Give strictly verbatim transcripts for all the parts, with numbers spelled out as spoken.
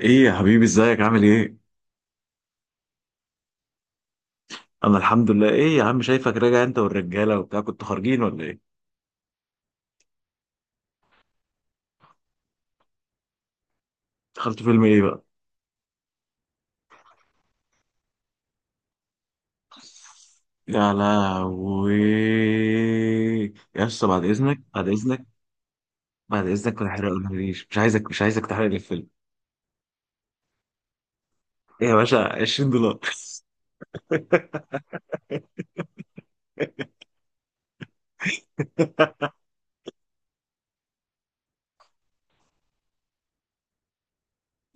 ايه يا حبيبي، ازيك عامل ايه؟ انا الحمد لله. ايه يا عم، شايفك راجع انت والرجاله وبتاع، كنتوا خارجين ولا ايه؟ دخلتوا فيلم ايه بقى؟ يا لهوي. يا اسطى بعد اذنك بعد اذنك. بعد اذنك ما تحرقليش، مش عايزك مش عايزك تحرق لي الفيلم. ايه يا باشا، عشرين دولار.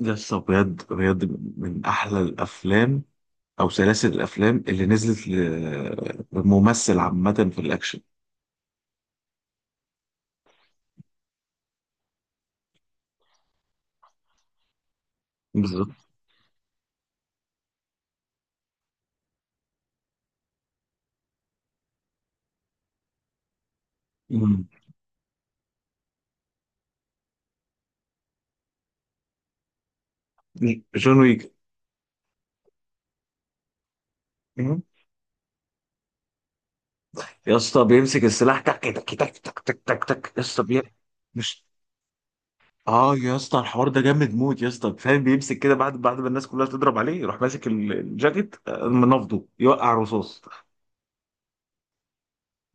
يا اسطى بجد بجد، من احلى الافلام او سلاسل الافلام اللي نزلت ل- لممثل، عامه في الاكشن. بالظبط. مم. جون ويك. يا اسطى بيمسك السلاح تك تك تك تك تك تك تك، يا اسطى بي... مش اه يا اسطى، الحوار ده جامد موت يا اسطى، فاهم بيمسك كده بعد بعد ما الناس كلها تضرب عليه، يروح ماسك ال- الجاكيت، آه، منفضه يوقع رصاص.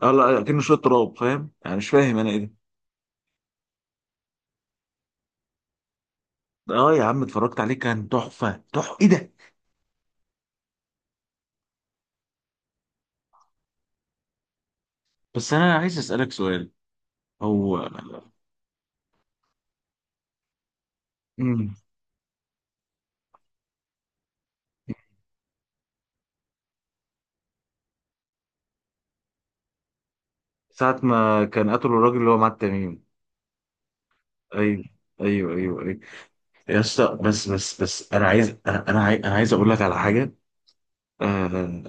اه لا، كأنه شويه تراب، فاهم يعني؟ مش فاهم انا ايه ده. اه يا عم، اتفرجت عليه كان تحفه تحفه. ايه ده. بس انا عايز اسالك سؤال. هو امم ساعه ما كان قتلوا الراجل اللي هو مع التميم. ايوه، ايوه ايوه ايوه. يا اسطى بس بس بس، انا عايز انا انا عايز, أنا عايز اقول لك على حاجه. آه،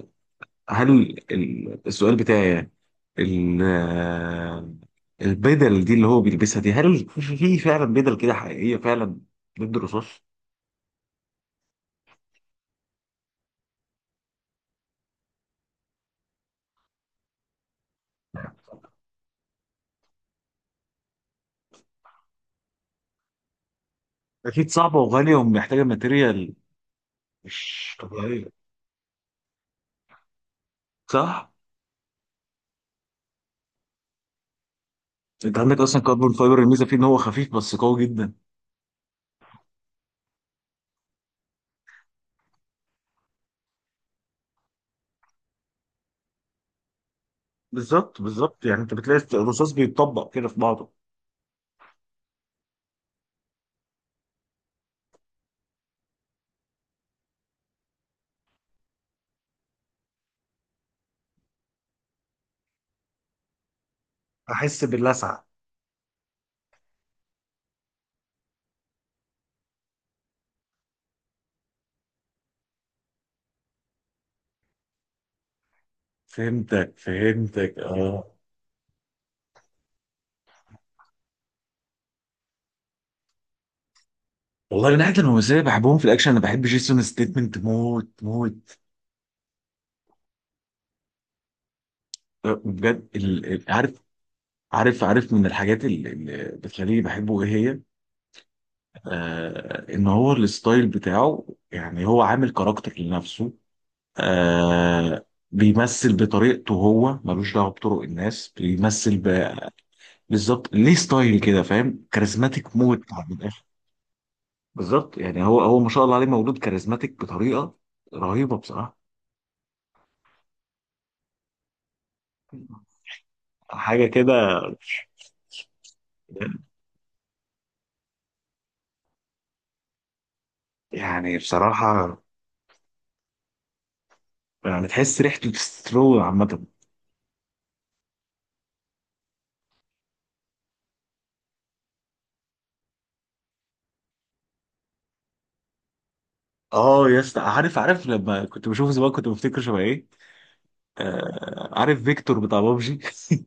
هل ال- السؤال بتاعي يعني ال- آه، البدل دي اللي هو بيلبسها دي، هل في في فعلا بدل كده حقيقية فعلا ضد الرصاص؟ أكيد صعبة وغالية ومحتاجة ماتيريال. مش طبيعية. صح؟ أنت عندك أصلا كاربون فايبر، الميزة فيه إن هو خفيف بس قوي جدا. بالظبط بالظبط، يعني أنت بتلاقي الرصاص بيتطبق كده في بعضه. أحس باللسعة. فهمتك فهمتك أه. والله من ناحية الممثلين اللي بحبهم في الأكشن، أنا بحب جيسون ستيتمنت موت موت. أه، بجد ال- ال- عارف. عارف عارف، من الحاجات ال- اللي بتخليني بحبه ايه هي. آه ان هو الستايل بتاعه، يعني هو عامل كاركتر لنفسه. آه بيمثل بطريقته، هو ملوش دعوه بطرق الناس، بيمثل ب- بالظبط. ليه ستايل كده، فاهم، كاريزماتيك موت. من الاخر. بالظبط، يعني هو هو ما شاء الله عليه، مولود كاريزماتيك بطريقه رهيبه بصراحه. حاجه كده. يعني بصراحه، يعني تحس ريحته تسترو عامه. اه يا اسطى عارف عارف، لما كنت بشوفه زمان كنت بفتكر شبه ايه. آه، عارف فيكتور بتاع بابجي.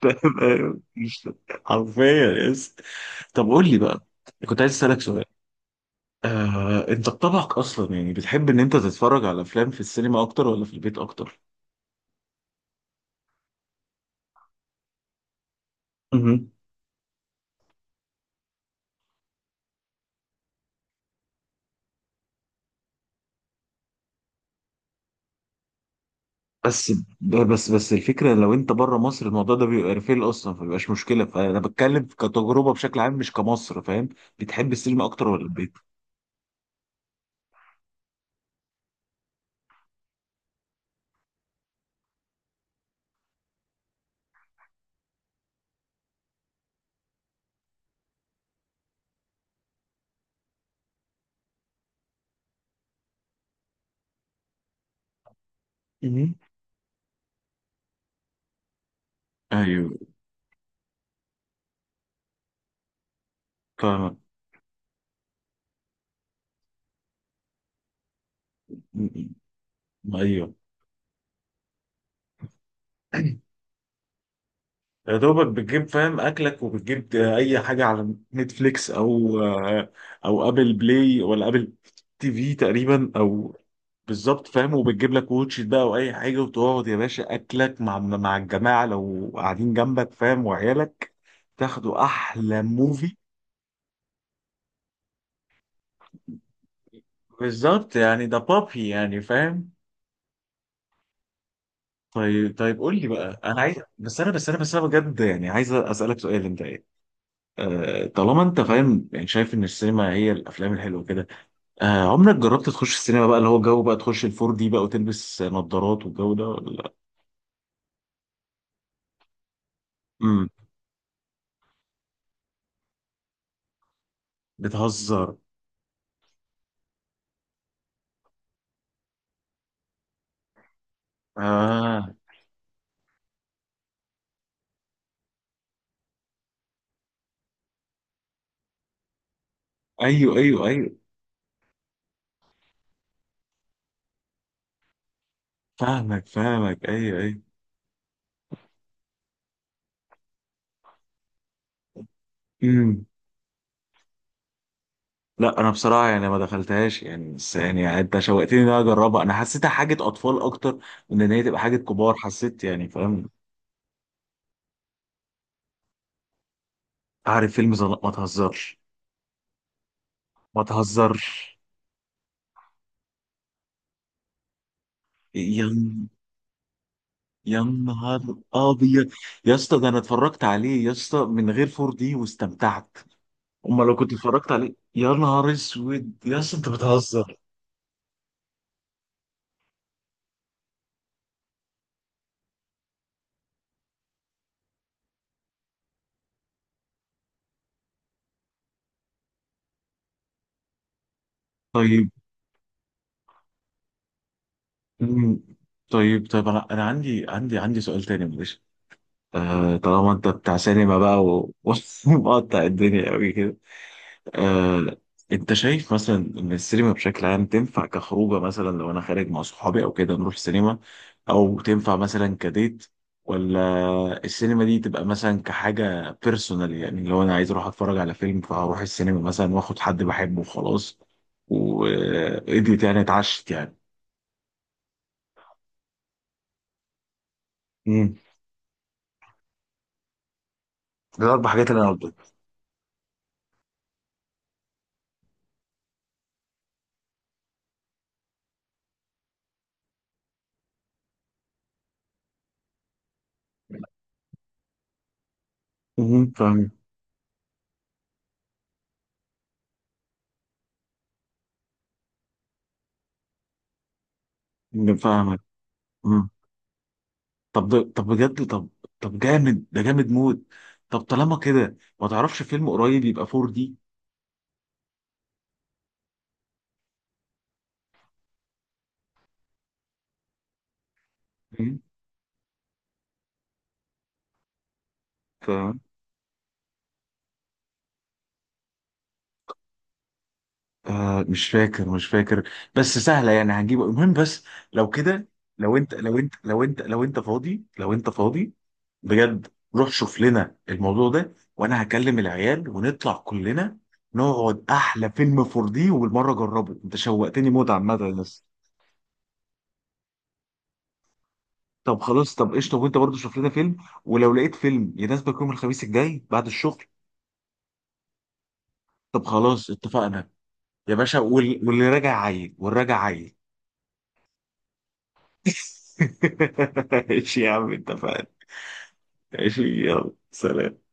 تمام، مش- حرفيا يا اسطى. طب قول لي بقى، كنت عايز اسالك سؤال. آه انت بطبعك اصلا يعني بتحب ان انت تتفرج على افلام في السينما اكتر ولا في البيت اكتر؟ مهم. بس بس بس الفكره، لو انت بره مصر الموضوع ده بيبقى ريفيل اصلا فمبيبقاش مشكله، فانا بتكلم كتجربه بشكل عام مش كمصر، فاهم؟ بتحب السينما اكتر ولا البيت؟ مهم. ايوه. فاهمك. م- ايوه. يا دوبك بتجيب فاهم اكلك، وبتجيب اي حاجه على نتفليكس او آه، او ابل بلاي ولا ابل تي في تقريبا، او بالظبط، فاهم، وبتجيب لك واتش إت بقى او اي حاجه، وتقعد يا باشا اكلك مع مع الجماعه لو قاعدين جنبك، فاهم، وعيالك تاخدوا احلى موفي. بالظبط، يعني ده بابي، يعني فاهم. طيب طيب قول لي بقى، انا عايز بس انا بس انا بس انا بجد يعني عايز اسالك سؤال انت. آه، طالما انت فاهم يعني، شايف ان السينما هي الافلام الحلوه كده. آه، عمرك جربت تخش السينما بقى، اللي هو الجو بقى، تخش الفور دي بقى وتلبس نظارات والجو ده ولا؟ امم. بتهزر. اه ايوه ايوه ايوه. فاهمك فاهمك ايوه ايوه. امم. لا انا بصراحه يعني ما دخلتهاش، يعني بس يعني يعني انت شوقتني ان انا اجربها، انا حسيتها حاجه اطفال اكتر من ان هي تبقى حاجه كبار، حسيت يعني فاهم. عارف فيلم زنق، ما تهزرش. ما تهزرش. يلا. يا نهار ابيض، يا اسطى ده انا اتفرجت عليه يا اسطى من غير فور دي واستمتعت. امال لو كنت اتفرجت عليه، يا نهار اسود، يا اسطى انت بتهزر. طيب. مم. طيب طيب انا انا عندي عندي عندي سؤال تاني معلش. آه طالما انت بتاع سينما بقى و- ومقطع الدنيا قوي كده. آه، انت شايف مثلا ان السينما بشكل عام تنفع كخروجه، مثلا لو انا خارج مع صحابي او كده نروح سينما، او تنفع مثلا كديت، ولا السينما دي تبقى مثلا كحاجه بيرسونال، يعني لو انا عايز اروح اتفرج على فيلم فهروح السينما مثلا واخد حد بحبه وخلاص، واديت يعني اتعشت يعني. امم. ده الاربع حاجات اللي انا قلتها. امم فاهم. فاهمك. طب طب بجد طب، طب جامد ده جامد موت. طب طالما كده، ما تعرفش فيلم قريب يبقى فور دي؟ ف... آه مش فاكر مش فاكر، بس سهله يعني هنجيبه، المهم بس. لو كده، لو انت لو انت لو انت لو انت فاضي لو انت فاضي بجد، روح شوف لنا الموضوع ده وانا هكلم العيال ونطلع كلنا نقعد احلى فيلم فور دي، وبالمره جربه، انت شوقتني موت عامه يا ناس. طب خلاص، طب قشطه، وانت برضه شوف لنا فيلم، ولو لقيت فيلم يناسبك يوم الخميس الجاي بعد الشغل. طب خلاص اتفقنا. يا باشا، وال- واللي راجع عايل والراجع عايل. ماشي يا عم اتفقنا. ماشي يلا، سلام.